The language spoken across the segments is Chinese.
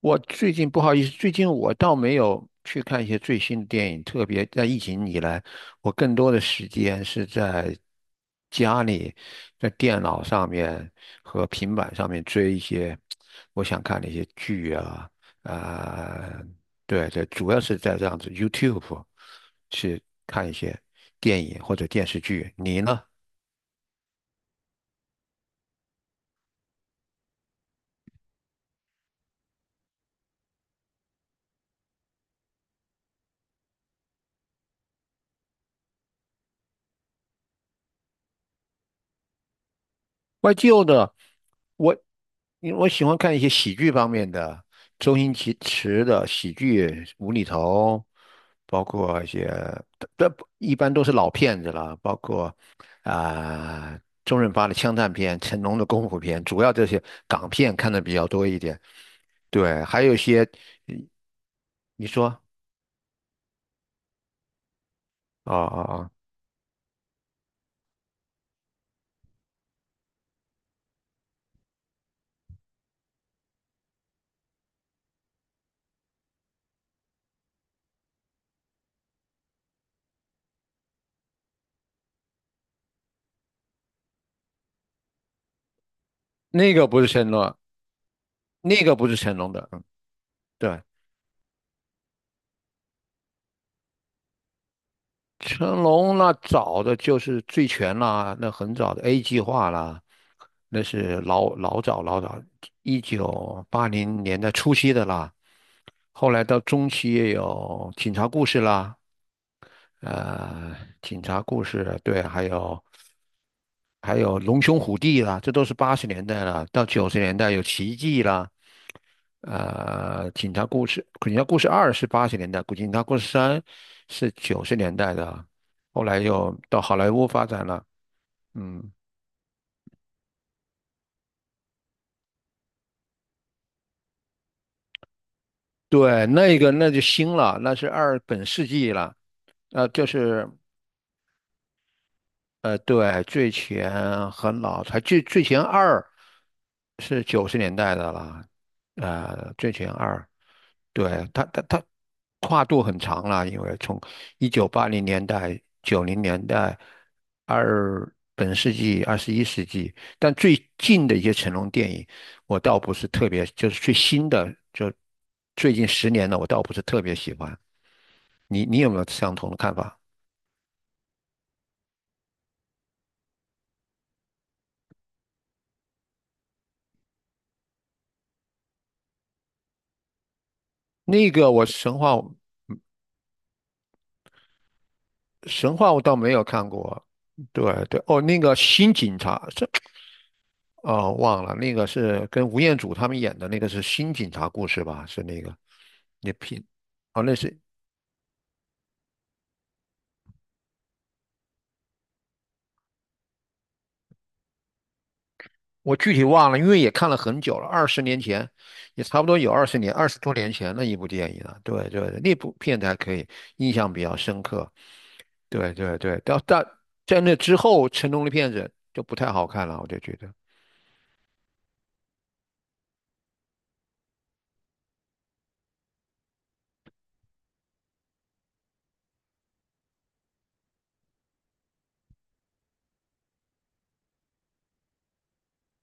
我最近不好意思，最近我倒没有去看一些最新的电影，特别在疫情以来，我更多的时间是在家里，在电脑上面和平板上面追一些我想看的一些剧啊，啊、对对，主要是在这样子 YouTube 去看一些电影或者电视剧。你呢？怀旧的，我因为我喜欢看一些喜剧方面的，周星驰的喜剧无厘头，包括一些，这一般都是老片子了，包括啊、周润发的枪战片、成龙的功夫片，主要这些港片看的比较多一点。对，还有一些，嗯。你说，哦哦哦，那个不是成龙，那个不是成龙的，嗯，对，成龙那早的就是《醉拳》啦，那很早的 A 计划啦，那是老老早老早，一九八零年代初期的啦。后来到中期也有《警察故事》啦，呃，《警察故事》对，还有《龙兄虎弟》啦，这都是八十年代了。到九十年代有《奇迹》啦，《警察故事》《警察故事二》是八十年代，《警察故事三》是九十年代的。后来又到好莱坞发展了。嗯，对，那个那就新了，那是二本世纪了，呃，就是对，最前很老，才最前二是九十年代的了，最前二，对，它跨度很长了，因为从一九八零年代、九零年代、二本世纪、21世纪，但最近的一些成龙电影，我倒不是特别，就是最新的，就最近十年的，我倒不是特别喜欢。你有没有相同的看法？那个我神话神话我倒没有看过，对对，哦，那个新警察，哦，忘了那个是跟吴彦祖他们演的那个是新警察故事吧？是那个那片哦，我具体忘了，因为也看了很久了，20年前，也差不多有二十年，20多年前的一部电影了。对对，那部片子还可以，印象比较深刻。对对对，但在那之后，成龙的片子就不太好看了，我就觉得。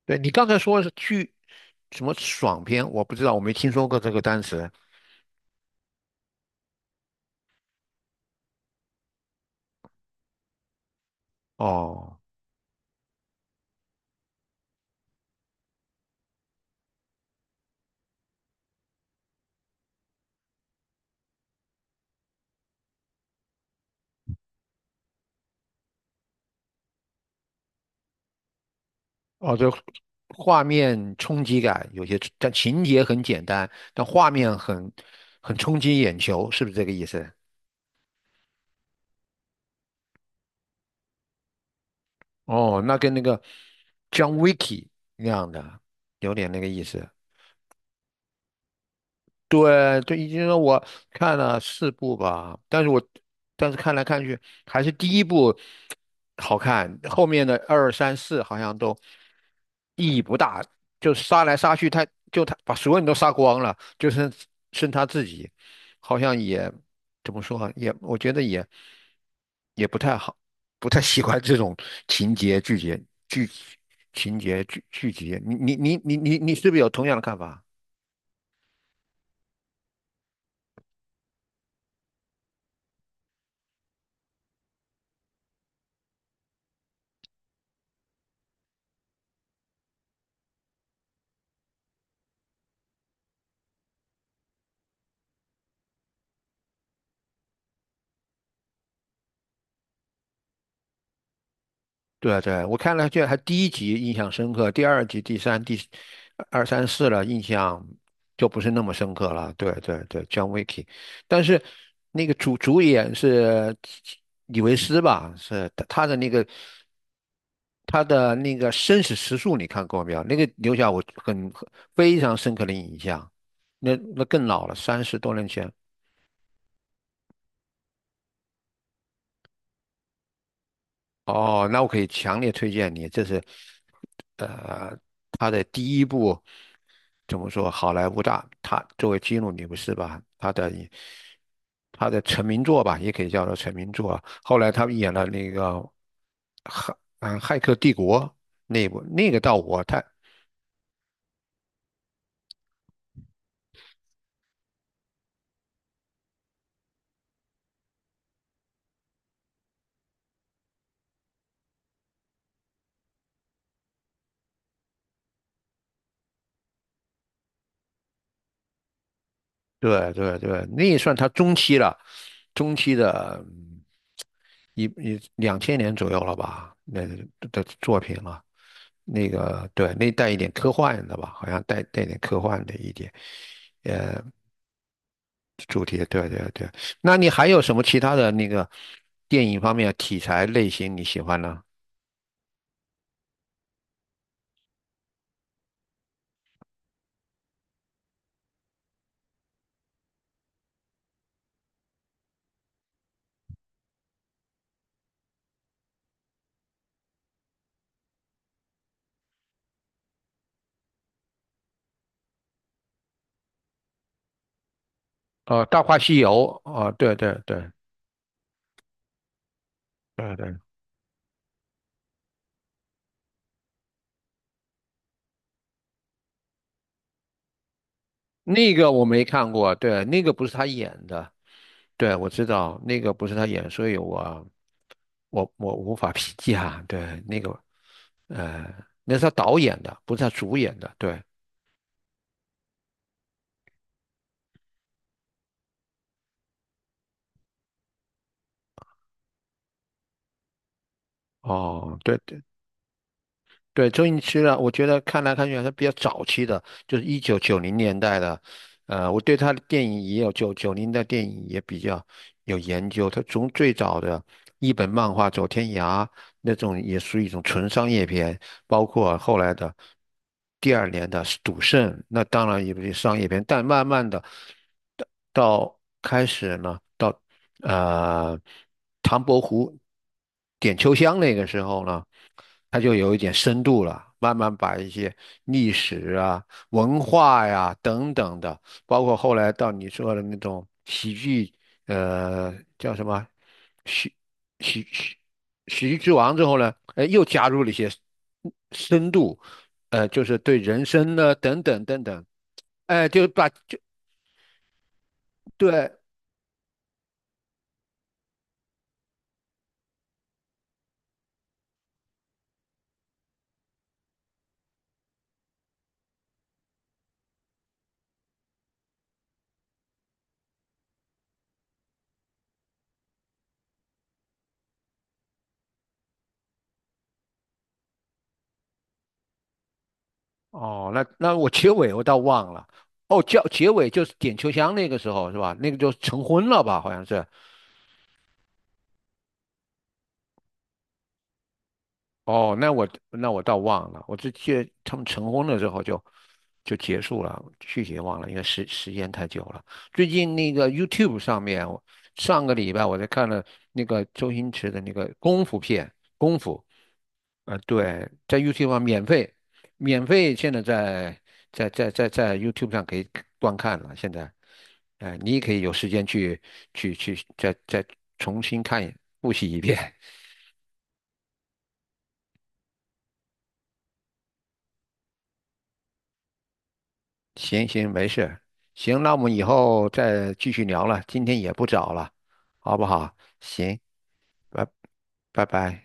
对你刚才说什么爽片，我不知道，我没听说过这个单词。哦哦，对，画面冲击感有些，但情节很简单，但画面很冲击眼球，是不是这个意思？哦，那跟那个 John Wick 那样的有点那个意思。对，对，已经说我看了四部吧，但是我看来看去还是第一部好看，后面的二三四好像都意义不大，就杀来杀去，他把所有人都杀光了，就剩他自己，好像也怎么说啊，也我觉得也不太好，不太喜欢这种情节剧节剧情节剧剧集，你是不是有同样的看法？对啊对啊，我看了，这还第一集印象深刻，第二集、第三、第二三四了，印象就不是那么深刻了。对对对，John Wick，但是那个主演是李维斯吧？是他的那个《生死时速》，你看过没有？那个留下我很非常深刻的印象。那更老了，30多年前。哦，那我可以强烈推荐你，这是，呃，他的第一部怎么说？好莱坞大，他作为基努·里维斯吧，他的成名作吧，也可以叫做成名作。后来他们演了那个《骇骇客帝国》那一部，那个到我太对对对，那也算他中期了，中期的嗯一一两千年左右了吧，那的作品了。那个对，那带一点科幻的吧，好像带点科幻的一点主题。对对对，那你还有什么其他的那个电影方面题材类型你喜欢呢？哦，《大话西游》哦，对对对对对，那个我没看过，对，那个不是他演的，对，我知道那个不是他演，所以我无法评价，对，那个呃，那是他导演的，不是他主演的，对。哦，对对，对，周星驰的，我觉得看来看去还是比较早期的，就是1990年代的。我对他的电影也有九九零的电影也比较有研究。他从最早的一本漫画《走天涯》那种也属于一种纯商业片，包括后来的第二年的《赌圣》，那当然也不是商业片，但慢慢的到到开始呢，到呃唐伯虎点秋香那个时候呢。它就有一点深度了，慢慢把一些历史啊、文化呀、等等的，包括后来到你说的那种喜剧，叫什么喜喜喜喜剧之王之后呢，又加入了一些深度，就是对人生呢等等等等，哎，就把就对。哦，那我结尾我倒忘了。哦，叫结尾就是点秋香那个时候是吧？那个就成婚了吧？好像是，哦，那我倒忘了，我只记得他们成婚了之后就结束了，具体忘了，因为时间太久了。最近那个 YouTube 上面，我上个礼拜我在看了那个周星驰的那个功夫片，功夫，对，在 YouTube 上免费，免费现在在 YouTube 上可以观看了。现在，你也可以有时间去再重新复习一遍。行行，没事，行，那我们以后再继续聊了，今天也不早了，好不好？行，拜拜